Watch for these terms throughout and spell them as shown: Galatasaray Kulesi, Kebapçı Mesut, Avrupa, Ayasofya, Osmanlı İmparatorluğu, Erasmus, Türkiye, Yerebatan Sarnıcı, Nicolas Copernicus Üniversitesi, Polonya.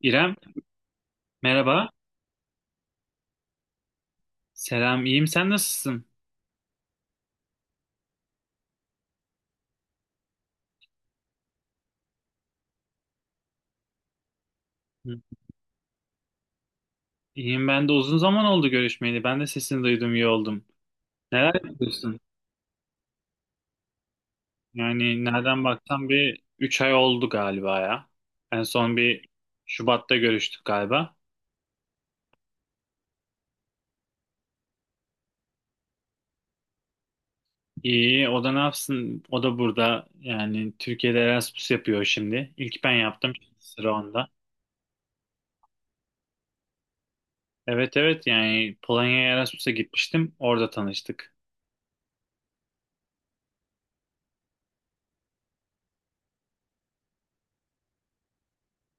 İrem, merhaba. Selam, iyiyim. Sen nasılsın? Hı. İyiyim, ben de. Uzun zaman oldu görüşmeyeli. Ben de sesini duydum, iyi oldum. Neler yapıyorsun? Yani nereden baksam bir 3 ay oldu galiba ya. En son bir Şubat'ta görüştük galiba. İyi, o da ne yapsın? O da burada. Yani Türkiye'de Erasmus yapıyor şimdi. İlk ben yaptım, şimdi sıra onda. Evet, evet, yani Polonya'ya Erasmus'a gitmiştim. Orada tanıştık.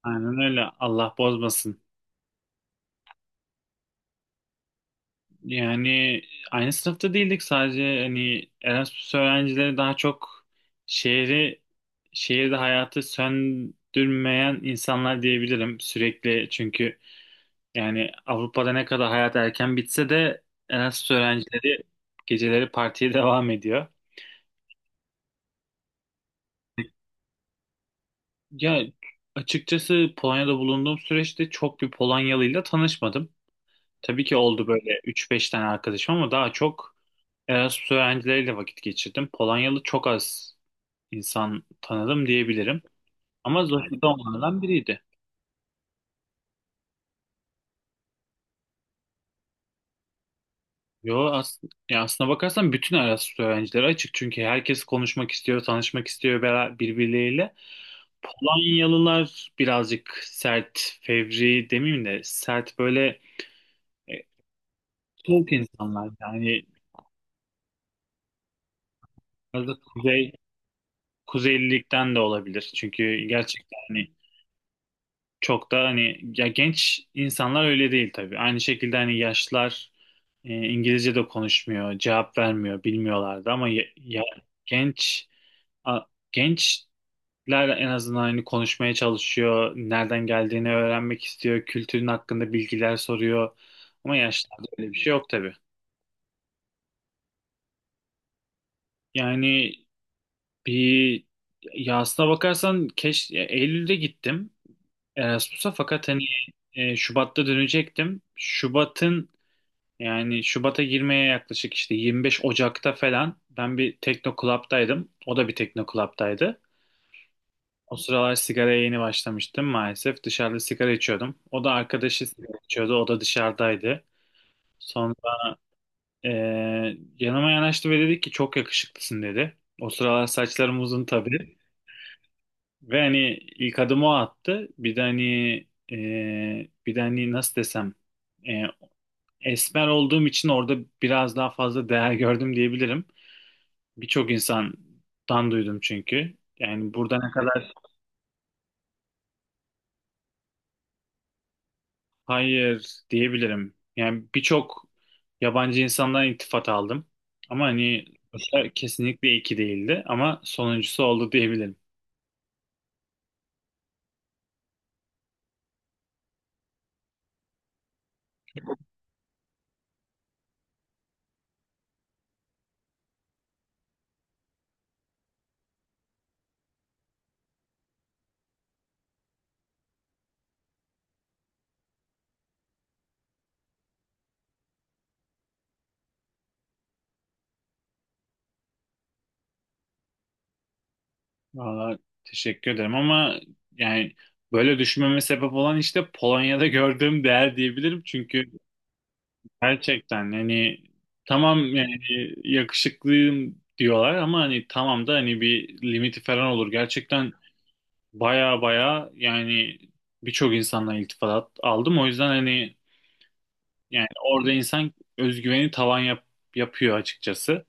Aynen öyle. Allah bozmasın. Yani aynı sınıfta değildik, sadece hani Erasmus öğrencileri daha çok şehri şehirde hayatı söndürmeyen insanlar diyebilirim sürekli, çünkü yani Avrupa'da ne kadar hayat erken bitse de Erasmus öğrencileri geceleri partiye devam ediyor. Ya, açıkçası Polonya'da bulunduğum süreçte çok bir Polonyalıyla tanışmadım. Tabii ki oldu böyle üç beş tane arkadaşım, ama daha çok Erasmus öğrencileriyle vakit geçirdim. Polonyalı çok az insan tanıdım diyebilirim. Ama Zoş'ta onlardan biriydi. Yo, ya aslına bakarsan bütün Erasmus öğrencileri açık. Çünkü herkes konuşmak istiyor, tanışmak istiyor birbirleriyle. Polonyalılar birazcık sert, fevri demeyeyim de sert, böyle, e, soğuk insanlar. Yani biraz da kuzeylilikten de olabilir. Çünkü gerçekten hani çok da hani ya genç insanlar öyle değil tabii. Aynı şekilde hani yaşlılar İngilizce de konuşmuyor, cevap vermiyor, bilmiyorlardı ama ya, genç a- gençler en azından hani konuşmaya çalışıyor, nereden geldiğini öğrenmek istiyor, kültürün hakkında bilgiler soruyor. Ama yaşlılarda öyle bir şey yok tabii. Yani bir, ya aslına bakarsan, ya Eylül'de gittim Erasmus'a fakat hani Şubat'ta dönecektim. Yani Şubat'a girmeye yaklaşık işte 25 Ocak'ta falan ben bir Tekno Club'daydım. O da bir Tekno Club'daydı. O sıralar sigaraya yeni başlamıştım maalesef. Dışarıda sigara içiyordum. O da arkadaşı sigara içiyordu. O da dışarıdaydı. Sonra yanıma yanaştı ve dedi ki çok yakışıklısın dedi. O sıralar saçlarım uzun tabii. Ve hani ilk adımı o attı. Bir de hani nasıl desem, eee, esmer olduğum için orada biraz daha fazla değer gördüm diyebilirim. Birçok insandan duydum çünkü. Yani burada ne kadar hayır diyebilirim. Yani birçok yabancı insandan iltifat aldım. Ama hani sonuçta kesinlikle iyi ki değildi, ama sonuncusu oldu diyebilirim. Valla teşekkür ederim ama yani böyle düşünmeme sebep olan işte Polonya'da gördüğüm değer diyebilirim. Çünkü gerçekten hani tamam yani yakışıklıyım diyorlar ama hani tamam da hani bir limiti falan olur. Gerçekten baya baya yani birçok insanla iltifat aldım. O yüzden hani yani orada insan özgüveni yapıyor açıkçası.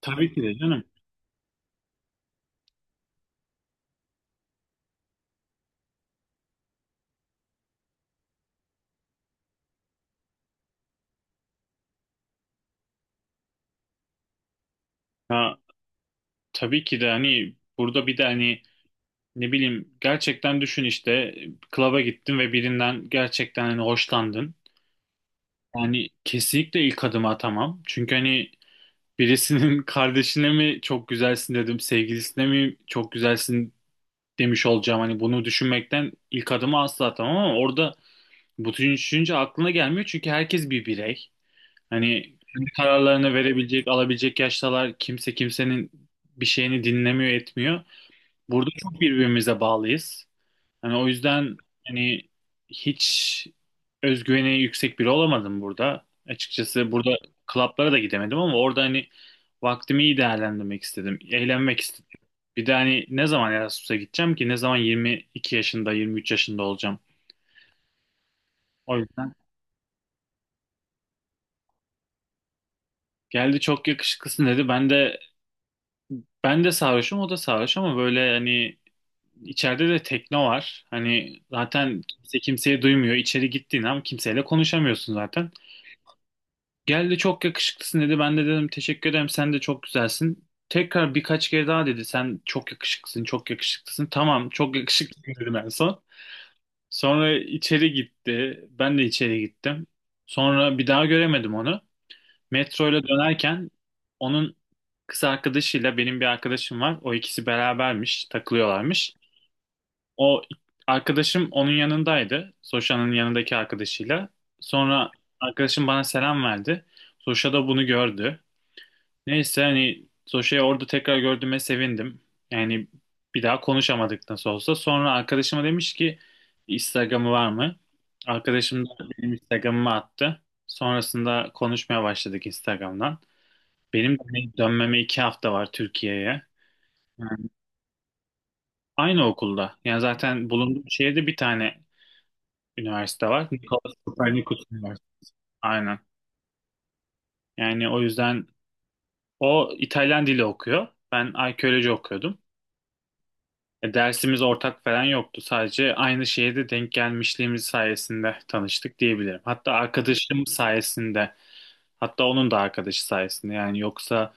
Tabii ki de canım. Ha, tabii ki de hani burada bir de hani ne bileyim, gerçekten düşün işte, klaba gittin ve birinden gerçekten hani hoşlandın. Yani kesinlikle ilk adımı atamam. Çünkü hani birisinin kardeşine mi çok güzelsin dedim, sevgilisine mi çok güzelsin demiş olacağım. Hani bunu düşünmekten ilk adımı asla atamam, ama orada bu düşünce aklına gelmiyor çünkü herkes bir birey. Hani kendi kararlarını verebilecek, alabilecek yaştalar, kimse kimsenin bir şeyini dinlemiyor, etmiyor. Burada çok birbirimize bağlıyız. Hani o yüzden hani hiç özgüveni yüksek biri olamadım burada. Açıkçası burada klaplara da gidemedim ama orada hani vaktimi iyi değerlendirmek istedim, eğlenmek istedim. Bir de hani ne zaman Erasmus'a gideceğim ki? Ne zaman 22 yaşında, 23 yaşında olacağım? O yüzden geldi çok yakışıklısın dedi. Ben de sarhoşum, o da sarhoş, ama böyle hani içeride de tekno var. Hani zaten kimse kimseyi duymuyor. İçeri gittiğin an kimseyle konuşamıyorsun zaten. Geldi çok yakışıklısın dedi. Ben de dedim teşekkür ederim sen de çok güzelsin. Tekrar birkaç kere daha dedi sen çok yakışıklısın, çok yakışıklısın. Tamam çok yakışıklısın dedim en son. Sonra içeri gitti. Ben de içeri gittim. Sonra bir daha göremedim onu. Metroyla dönerken onun kız arkadaşıyla benim bir arkadaşım var. O ikisi berabermiş, takılıyorlarmış. O arkadaşım onun yanındaydı, Soşa'nın yanındaki arkadaşıyla. Sonra arkadaşım bana selam verdi. Soşa da bunu gördü. Neyse hani Soşa'yı orada tekrar gördüğüme sevindim. Yani bir daha konuşamadık nasıl olsa. Sonra arkadaşıma demiş ki Instagram'ı var mı? Arkadaşım da benim Instagram'ımı attı. Sonrasında konuşmaya başladık Instagram'dan. Benim dönmeme 2 hafta var Türkiye'ye. Yani aynı okulda. Yani zaten bulunduğum şehirde bir tane üniversite var. Nicolas Copernicus Üniversitesi. Aynen. Yani o yüzden o İtalyan dili okuyor. Ben arkeoloji okuyordum. E, dersimiz ortak falan yoktu. Sadece aynı şehirde denk gelmişliğimiz sayesinde tanıştık diyebilirim. Hatta arkadaşım sayesinde. Hatta onun da arkadaşı sayesinde. Yani yoksa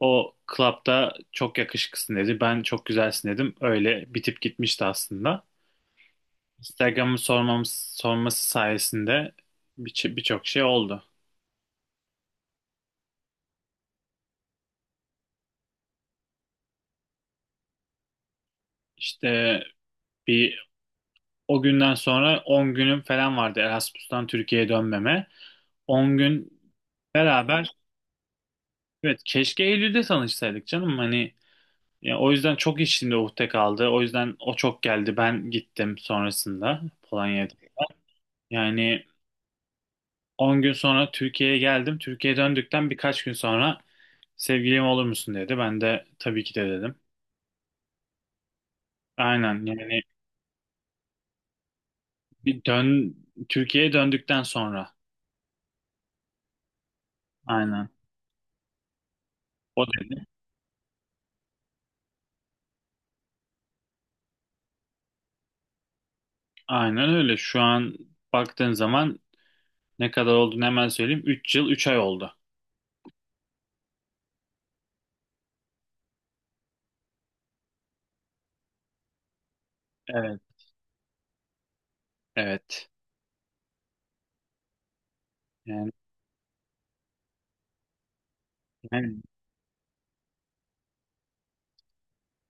o klapta çok yakışıklısın dedi, ben çok güzelsin dedim, öyle bitip gitmişti aslında. Instagram'ı sormamız, sorması sayesinde birçok şey oldu. İşte bir, o günden sonra 10 günüm falan vardı Erasmus'tan Türkiye'ye dönmeme. 10 gün beraber, evet, keşke Eylül'de tanışsaydık canım, hani ya, o yüzden çok içimde ukde kaldı. O yüzden o çok geldi. Ben gittim sonrasında Polonya'da. Yani 10 gün sonra Türkiye'ye geldim. Türkiye'ye döndükten birkaç gün sonra sevgilim olur musun dedi. Ben de tabii ki de dedim. Aynen yani. Bir dön Türkiye'ye döndükten sonra. Aynen. O dedi. Aynen öyle. Şu an baktığın zaman ne kadar olduğunu hemen söyleyeyim. 3 yıl 3 ay oldu. Evet. Evet. Yani, yani,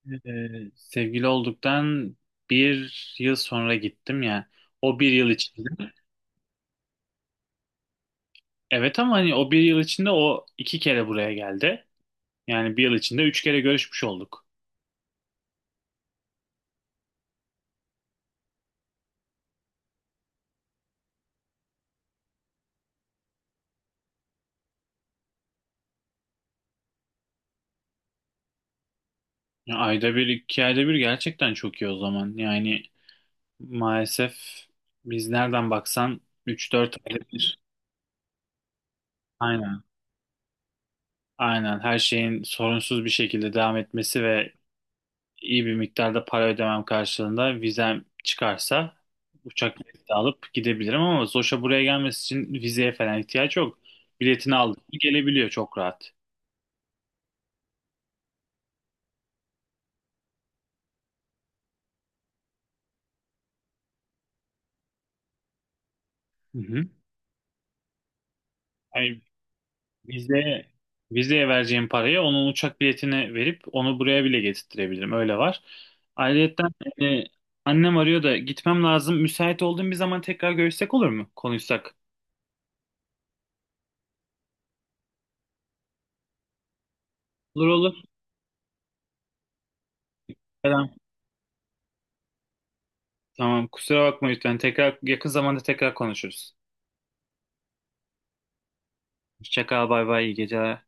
sevgili olduktan bir yıl sonra gittim ya. O bir yıl içinde. Evet, ama hani o bir yıl içinde o 2 kere buraya geldi. Yani bir yıl içinde 3 kere görüşmüş olduk. Ya ayda bir, 2 ayda bir gerçekten çok iyi o zaman. Yani maalesef biz nereden baksan 3-4 aylık. Aynen, aynen, her şeyin sorunsuz bir şekilde devam etmesi ve iyi bir miktarda para ödemem karşılığında vizem çıkarsa uçak bileti alıp gidebilirim, ama Zoş'a buraya gelmesi için vizeye falan ihtiyaç yok. Biletini aldık mı gelebiliyor çok rahat. Hı hı. Yani Vizeye, vizeye vereceğim paraya onun uçak biletini verip onu buraya bile getirttirebilirim. Öyle var. Ayrıyeten, e, annem arıyor da gitmem lazım. Müsait olduğum bir zaman tekrar görüşsek olur mu? Konuşsak. Olur, olur. Selam. Tamam, kusura bakma lütfen. Tekrar yakın zamanda tekrar konuşuruz. Hoşça kal, bay bay, iyi geceler.